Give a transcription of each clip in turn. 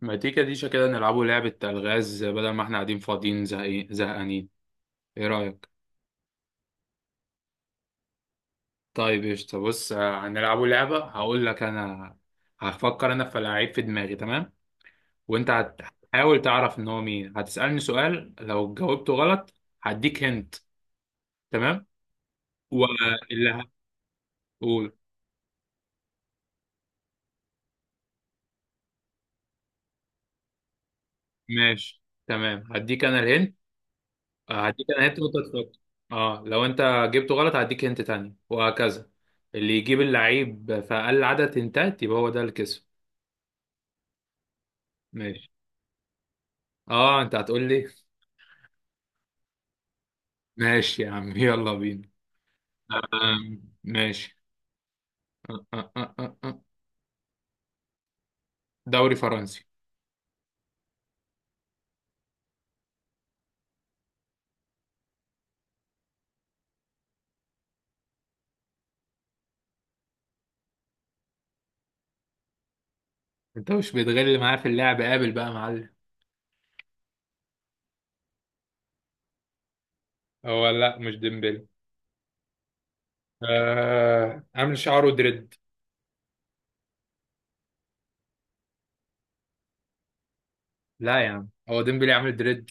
ما تيجي ديشة كده نلعبوا لعبة ألغاز بدل ما احنا قاعدين فاضيين زهقانين. ايه رأيك؟ طيب قشطة. بص، هنلعبوا لعبة. هقول لك أنا هفكر أنا في لعيب في دماغي، تمام؟ وأنت هتحاول تعرف إن هو مين. هتسألني سؤال، لو جاوبته غلط هديك هنت، تمام؟ واللي هقول. ماشي، تمام، هديك أنا الهنت. هديك أنا هنت وأنت تفكر. اه، لو أنت جبته غلط هديك هنت تاني، وهكذا. اللي يجيب اللعيب في أقل عدد هنتات يبقى هو ده اللي كسب. ماشي. اه، انت هتقول لي. ماشي يا عم، يلا بينا. ماشي. أه، أه، أه، أه، أه. دوري فرنسي. انت مش بتغل معاه في اللعب، قابل بقى يا معلم. هو لا، مش ديمبلي. عامل شعره دريد. لا يا عم، هو ديمبلي عامل دريد.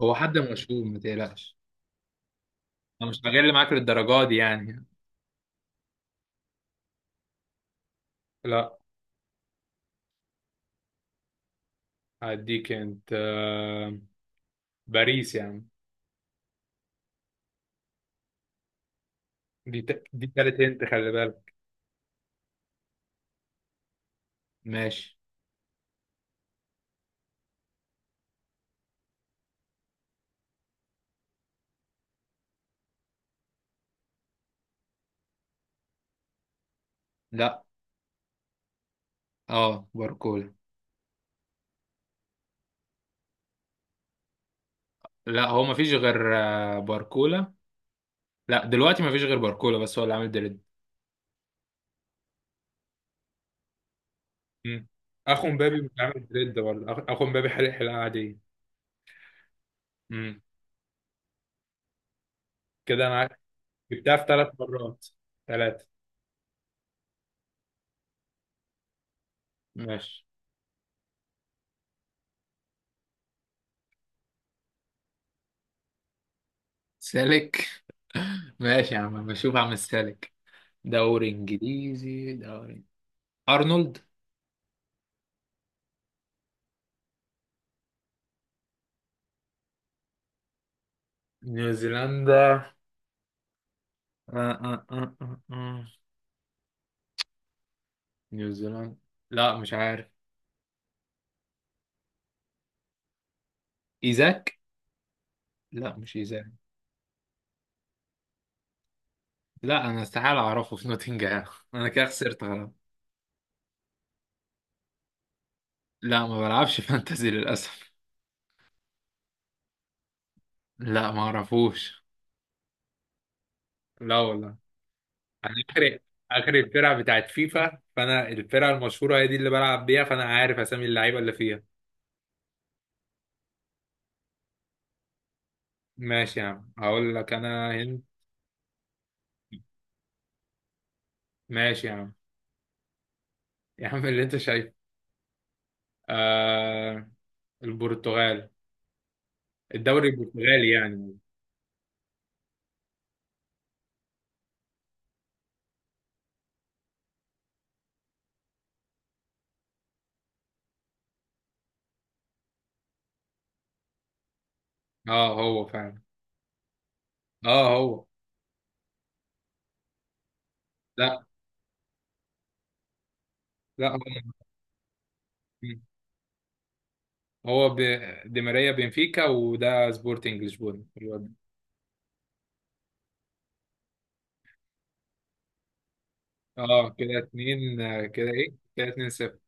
هو حد مشهور، ما تقلقش. انا مش هغل معاك للدرجه دي يعني. لا، هديك انت. باريس يعني. دي تالت، انت خلي بالك. ماشي. لا، اه، باركولا. لا، هو ما فيش غير باركولا. لا، دلوقتي ما فيش غير باركولا، بس هو اللي عامل دريد. مم. اخو مبابي مش عامل دريد برضه. اخو مبابي حرق حلقه عاديه. امم. كده انا جبتها في ثلاث مرات. ثلاثه. ماشي، سالك. ماشي يا عم، بشوف عم السالك. دوري انجليزي. ارنولد. نيوزيلندا. آه آه آه آه آه. نيوزيلاند؟ لا، مش عارف. ايزاك. لا، مش ايزاك. لا، انا استحاله اعرفه في نوتنجهام. انا كده خسرت خلاص. لا، ما بلعبش فانتزي للأسف. لا، ما أعرفوش. لا والله. انا اخر اخر الفرقه بتاعت فيفا، فانا الفرقه المشهوره هي دي اللي بلعب بيها، فانا عارف اسامي اللعيبه اللي فيها. ماشي يا عم، هقول لك انا. هند. ماشي يا عم. يا عم اللي انت شايفه. آه البرتغال. الدوري البرتغالي يعني. اه، هو فعلا. اه، هو. لا، لا، هو. هو ب... دي ماريا بنفيكا، وده سبورتنج لشبونه. اه كده اتنين. كده ايه؟ كده اتنين صفر.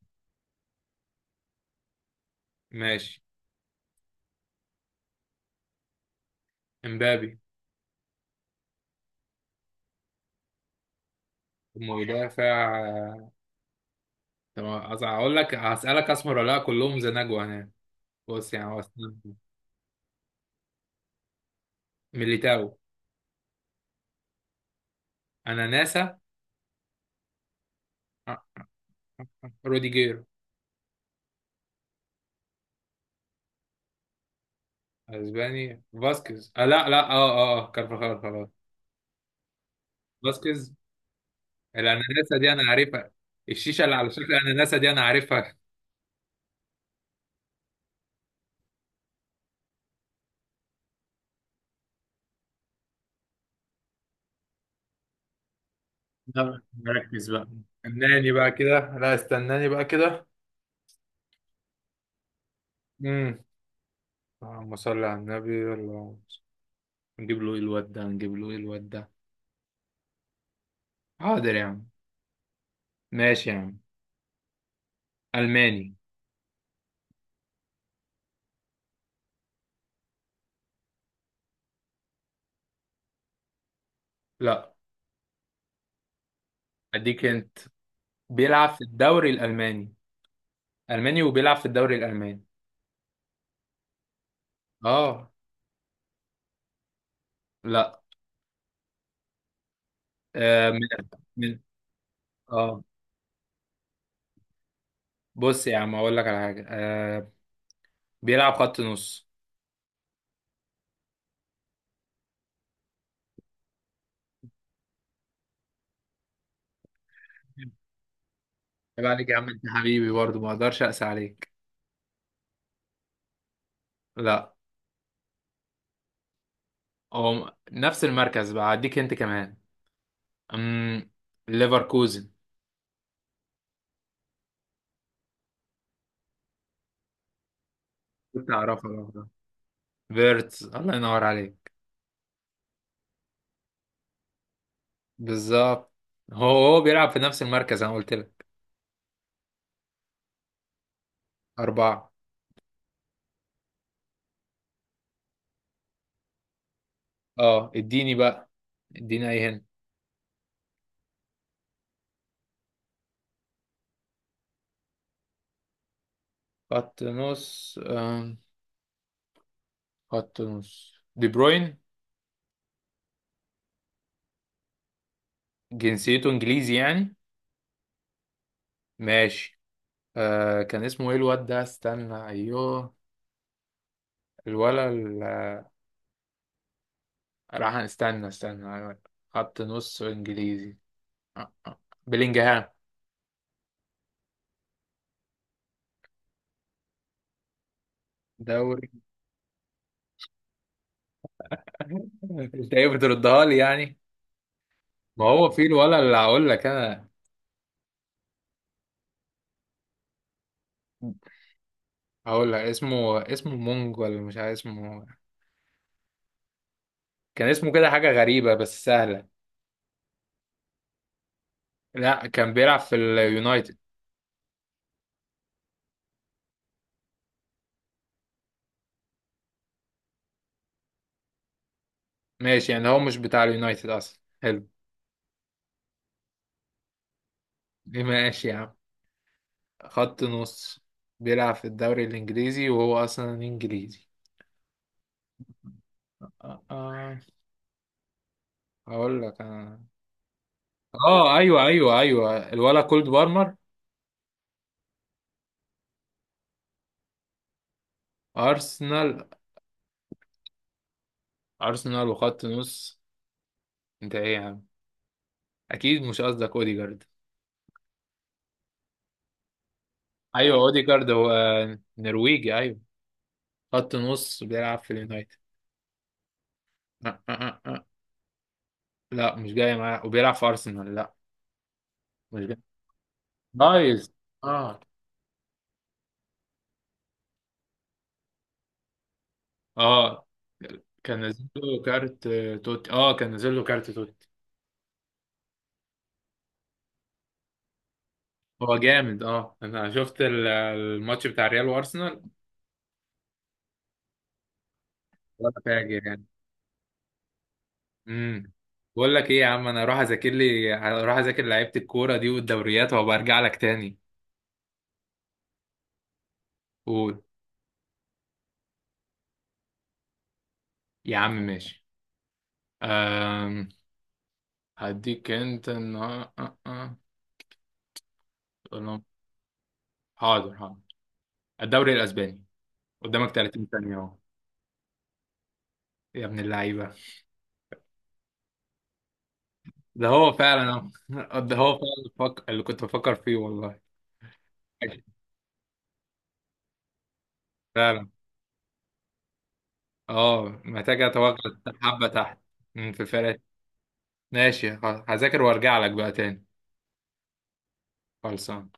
ماشي. امبابي. مدافع. طب هقول لك، هسألك اسمر ولا لا كلهم زناجو هنا. بص يعني هو اسمه. ميليتاو. اناناسا. آه، روديجير. اسباني. فاسكيز لا، لا، اه، اه، كارفاخال خلاص. فاسكيز. الاناناسا دي انا عارفها. الشيشه اللي على شكل الاناناسا دي انا عارفها. لا، مركز بقى. استناني بقى كده. لا، استناني بقى كده. امم. اللهم صل على النبي. اللهم. نجيب له ايه الواد ده؟ نجيب له ايه الواد ده؟ حاضر يا عم. ماشي يا عم. الماني. لا. اديك انت. بيلعب في الدوري الالماني. الماني وبيلعب في الدوري الالماني. اه. لا. من؟ من؟ اه. بص يا عم اقول لك على حاجه. بيلعب خط نص. عيب عليك يا عم، انت حبيبي برضه، ما اقدرش اقسى عليك. لا. هو نفس المركز بقى، هديك انت كمان. امم. ليفركوزن. كنت اعرفها برضه. فيرتس، الله ينور عليك. بالظبط. هو بيلعب في نفس المركز، انا قلت لك. أربعة. اه، اديني بقى. اديني اي هنا. خط نص. آم، خط نص. بروين. جنسيته انجليزي يعني؟ ماشي. كان اسمه ايه الواد ده؟ استنى، ايوه. الولا راح. استنى، استنى، أيوة. خط نص، انجليزي. آه، آه. بلينجهام. دوري. انت ايه بتردها لي يعني؟ ما هو في الولا اللي هقول لك انا. هقول لك اسمه مونج ولا مش عارف اسمه. كان اسمه كده حاجة غريبة بس سهلة. لا، كان بيلعب في اليونايتد. ماشي يعني، هو مش بتاع اليونايتد أصلا، حلو. ماشي يا عم. خط نص. بيلعب في الدوري الإنجليزي وهو أصلا إنجليزي. آه، آه، هقول لك أنا. أيوه، أيوه، أيوه، الولا كولد بارمر. أرسنال؟ أرسنال وخط نص. أنت إيه يا عم؟ أكيد مش قصدك أوديجارد؟ أيوه، أوديجارد هو. نرويجي، أيوه. خط نص بيلعب في اليونايتد. أه أه أه. أه. لا، مش جاي معاه وبيلعب في ارسنال، لا. مش جاي. نايس. اه اه. كان نازل له كارت توتي. اه، كان نازل له كارت توتي. هو جامد. اه، انا شفت الماتش بتاع ريال وارسنال. ولا فاجر يعني. امم. بقول لك ايه يا عم، انا اروح اذاكر لعيبه الكوره دي والدوريات، وابقى ارجع لك تاني. قول. يا عم ماشي. أم... هديك انت النهار- أه أه. حاضر، حاضر. الدوري الاسباني. قدامك 30 ثانية اهو. يا ابن اللعيبة. ده هو فعلا. اهو، ده هو فعلا. اللي كنت بفكر فيه والله. ماشي. فعلا. اه، محتاج اتوقع. حبة تحت. مم، في فرق. ماشي خلاص. هذاكر وارجع لك بقى تاني. خلصان